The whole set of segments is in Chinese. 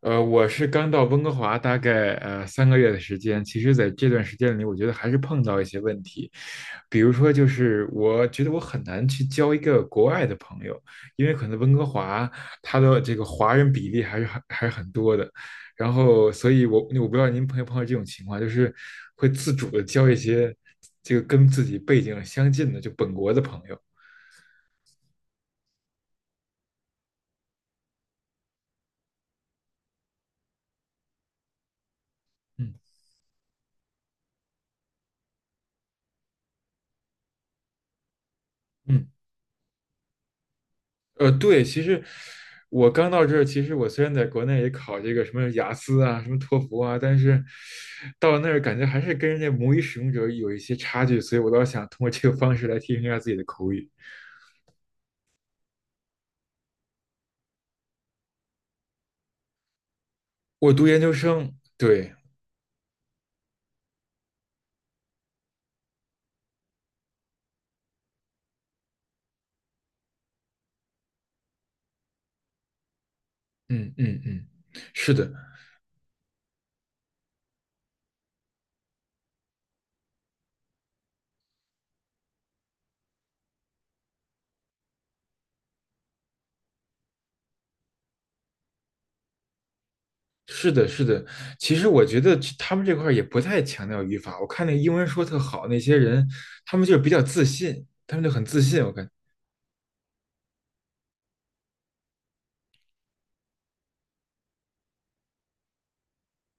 我是刚到温哥华大概3个月的时间。其实在这段时间里，我觉得还是碰到一些问题，比如说就是我觉得我很难去交一个国外的朋友，因为可能温哥华它的这个华人比例还是很多的，然后所以我不知道您朋友碰到这种情况，就是会自主的交一些这个跟自己背景相近的就本国的朋友。嗯嗯。对，其实我刚到这儿，其实我虽然在国内也考这个什么雅思啊、什么托福啊，但是到那儿感觉还是跟人家母语使用者有一些差距，所以我倒想通过这个方式来提升一下自己的口语。我读研究生，对，嗯嗯嗯，是的，是的，是的。其实我觉得这他们这块儿也不太强调语法，我看那个英文说特好那些人，他们就是比较自信，他们就很自信，我感觉，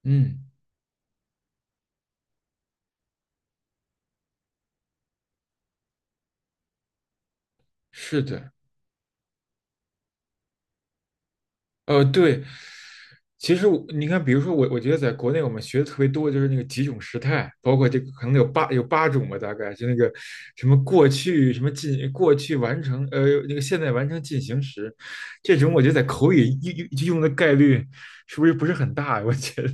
嗯，是的。对，其实我你看，比如说我，我觉得在国内我们学的特别多，就是那个几种时态，包括这个可能有8种吧，大概就那个什么过去什么进过去完成那个现在完成进行时，这种我觉得在口语用的概率是不是不是很大呀？我觉得，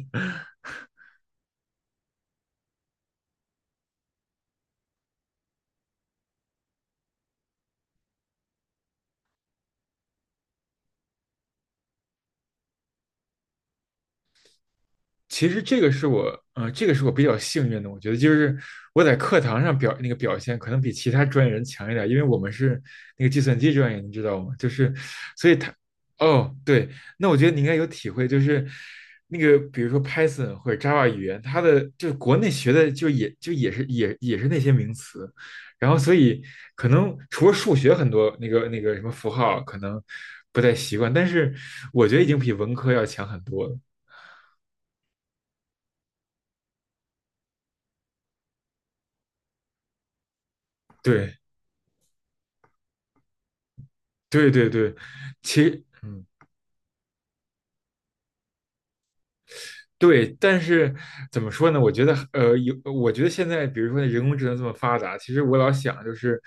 其实这个是我，这个是我比较幸运的。我觉得就是我在课堂上表那个表现，可能比其他专业人强一点，因为我们是那个计算机专业，你知道吗？就是，所以他，哦，对，那我觉得你应该有体会，就是那个比如说 Python 或者 Java 语言，它的就是国内学的就也是那些名词，然后所以可能除了数学很多那个什么符号可能不太习惯，但是我觉得已经比文科要强很多了。对。对对对，其嗯对，但是怎么说呢？我觉得我觉得现在比如说人工智能这么发达，其实我老想就是，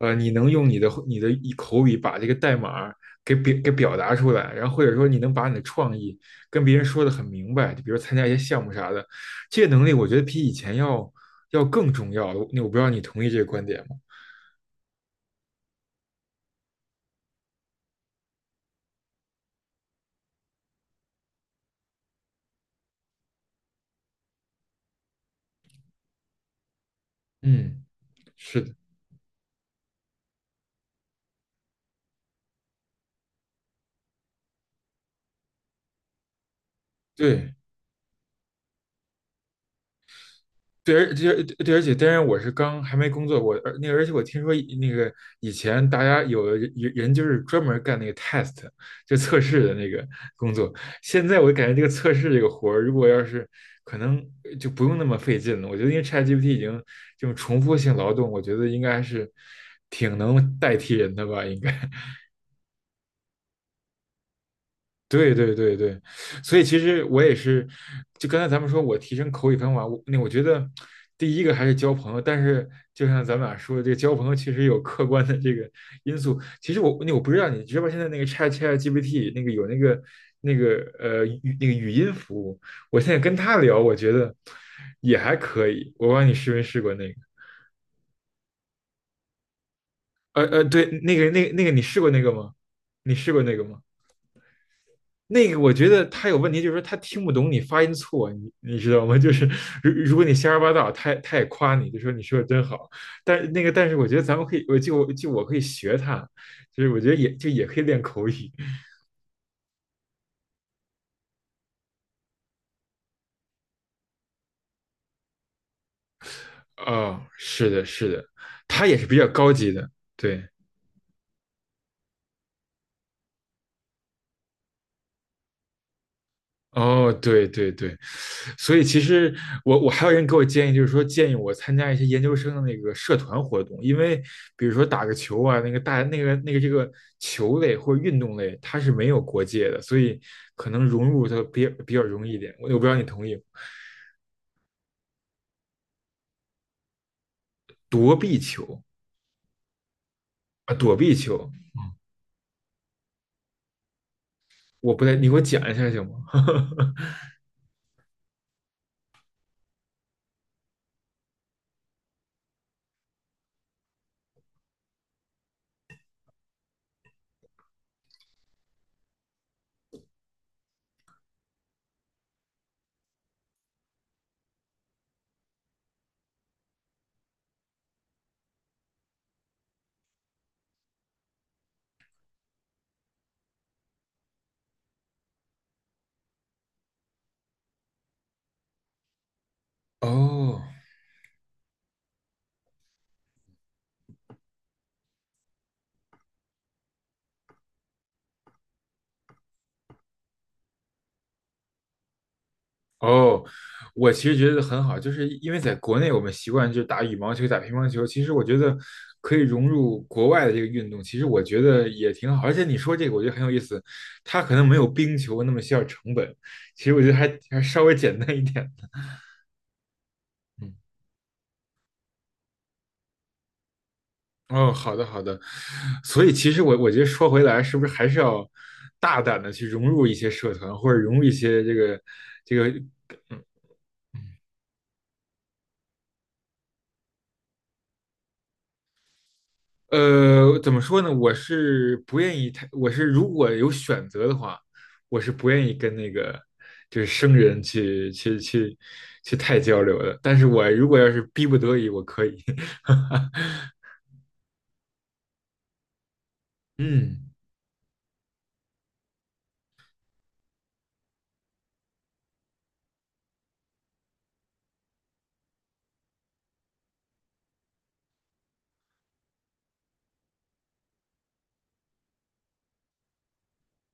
你能用你的一口语把这个代码给表达出来，然后或者说你能把你的创意跟别人说的很明白，就比如参加一些项目啥的，这个能力我觉得比以前要更重要了。我不知道你同意这个观点吗？嗯，是的，对。对，而且对，而且当然我是刚还没工作过，而而且我听说以那个以前大家有的人就是专门干那个 test 就测试的那个工作，现在我感觉这个测试这个活儿，如果要是可能就不用那么费劲了。我觉得因为 ChatGPT 已经这种重复性劳动，我觉得应该是挺能代替人的吧，应该。对对对对，所以其实我也是，就刚才咱们说我提升口语方法，我觉得第一个还是交朋友，但是就像咱们俩说的，这个交朋友确实有客观的这个因素。其实我那我不知道你知不知道现在那个 Chat GPT 那个有那个那个呃语那个语音服务，我现在跟他聊，我觉得也还可以。我不知道你试没试过那个，对，那个你试过那个吗？你试过那个吗？那个我觉得他有问题，就是说他听不懂你发音错，你知道吗？就是如果你瞎说八道，他也夸你，就说你说的真好。但那个，但是我觉得咱们可以，我就就我可以学他，就是我觉得也可以练口语。哦，是的，是的，他也是比较高级的，对。哦，对对对，所以其实我还有人给我建议，就是说建议我参加一些研究生的那个社团活动，因为比如说打个球啊，那个大那个那个这个球类或者运动类，它是没有国界的，所以可能融入它比较容易一点。我不知道你同意躲避球啊，躲避球，我不太，你给我讲一下行吗？哦，哦，我其实觉得很好，就是因为在国内我们习惯就打羽毛球、打乒乓球，其实我觉得可以融入国外的这个运动，其实我觉得也挺好。而且你说这个，我觉得很有意思，它可能没有冰球那么需要成本，其实我觉得还稍微简单一点的。嗯，哦，好的好的，所以其实我觉得说回来，是不是还是要大胆的去融入一些社团，或者融入一些这个。嗯。怎么说呢？我是不愿意太，我是如果有选择的话，我是不愿意跟那个就是生人去太交流的。但是我如果要是逼不得已，我可以。嗯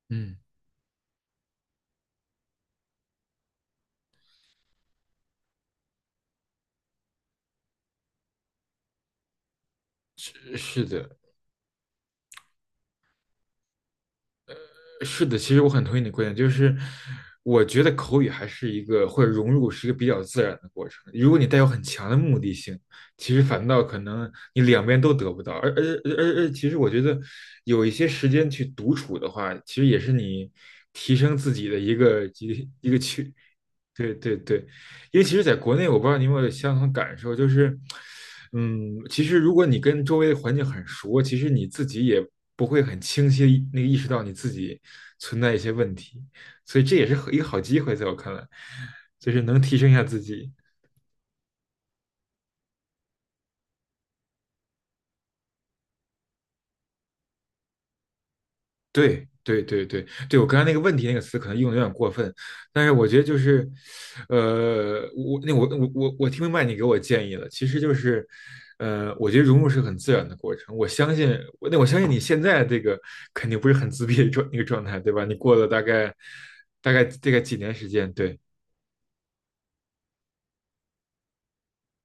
嗯，是的。是的，其实我很同意你的观点，就是我觉得口语还是一个或者融入是一个比较自然的过程。如果你带有很强的目的性，其实反倒可能你两边都得不到。而而而而，其实我觉得有一些时间去独处的话，其实也是你提升自己的一个渠对对对。因为其实在国内，我不知道你有没有相同感受，就是，嗯，其实如果你跟周围的环境很熟，其实你自己也不会很清晰地那个意识到你自己存在一些问题，所以这也是一个好机会，在我看来，就是能提升一下自己。对对对对对，我刚才那个问题那个词可能用的有点过分，但是我觉得就是，我那我我我我听明白你给我建议了，其实就是，我觉得融入是很自然的过程，我相信你现在这个肯定不是很自闭的状那个状态，对吧？你过了大概几年时间，对，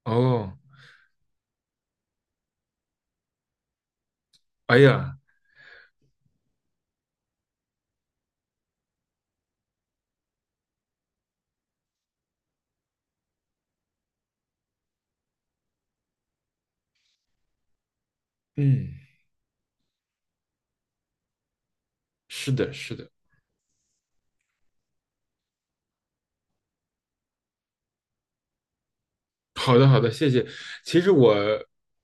哦，哎呀，嗯，是的，是的。好的，好的，谢谢。其实我，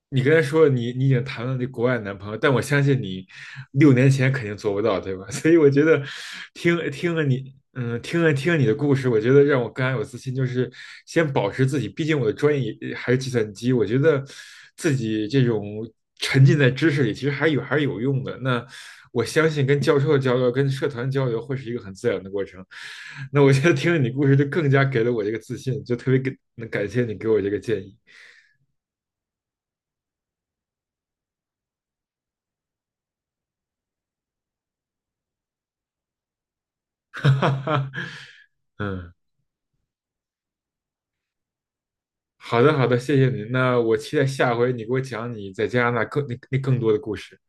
你刚才说你已经谈了那国外男朋友，但我相信你6年前肯定做不到，对吧？所以我觉得听听了你，嗯，听了你的故事，我觉得让我更加有自信，就是先保持自己，毕竟我的专业也还是计算机，我觉得自己这种沉浸在知识里，其实还是有用的。那我相信跟教授的交流、跟社团交流会是一个很自然的过程。那我觉得听了你故事，就更加给了我这个自信，就特别给能感谢你给我这个建议。哈哈哈，嗯，好的好的，谢谢您。那我期待下回你给我讲你在加拿大更那那更多的故事。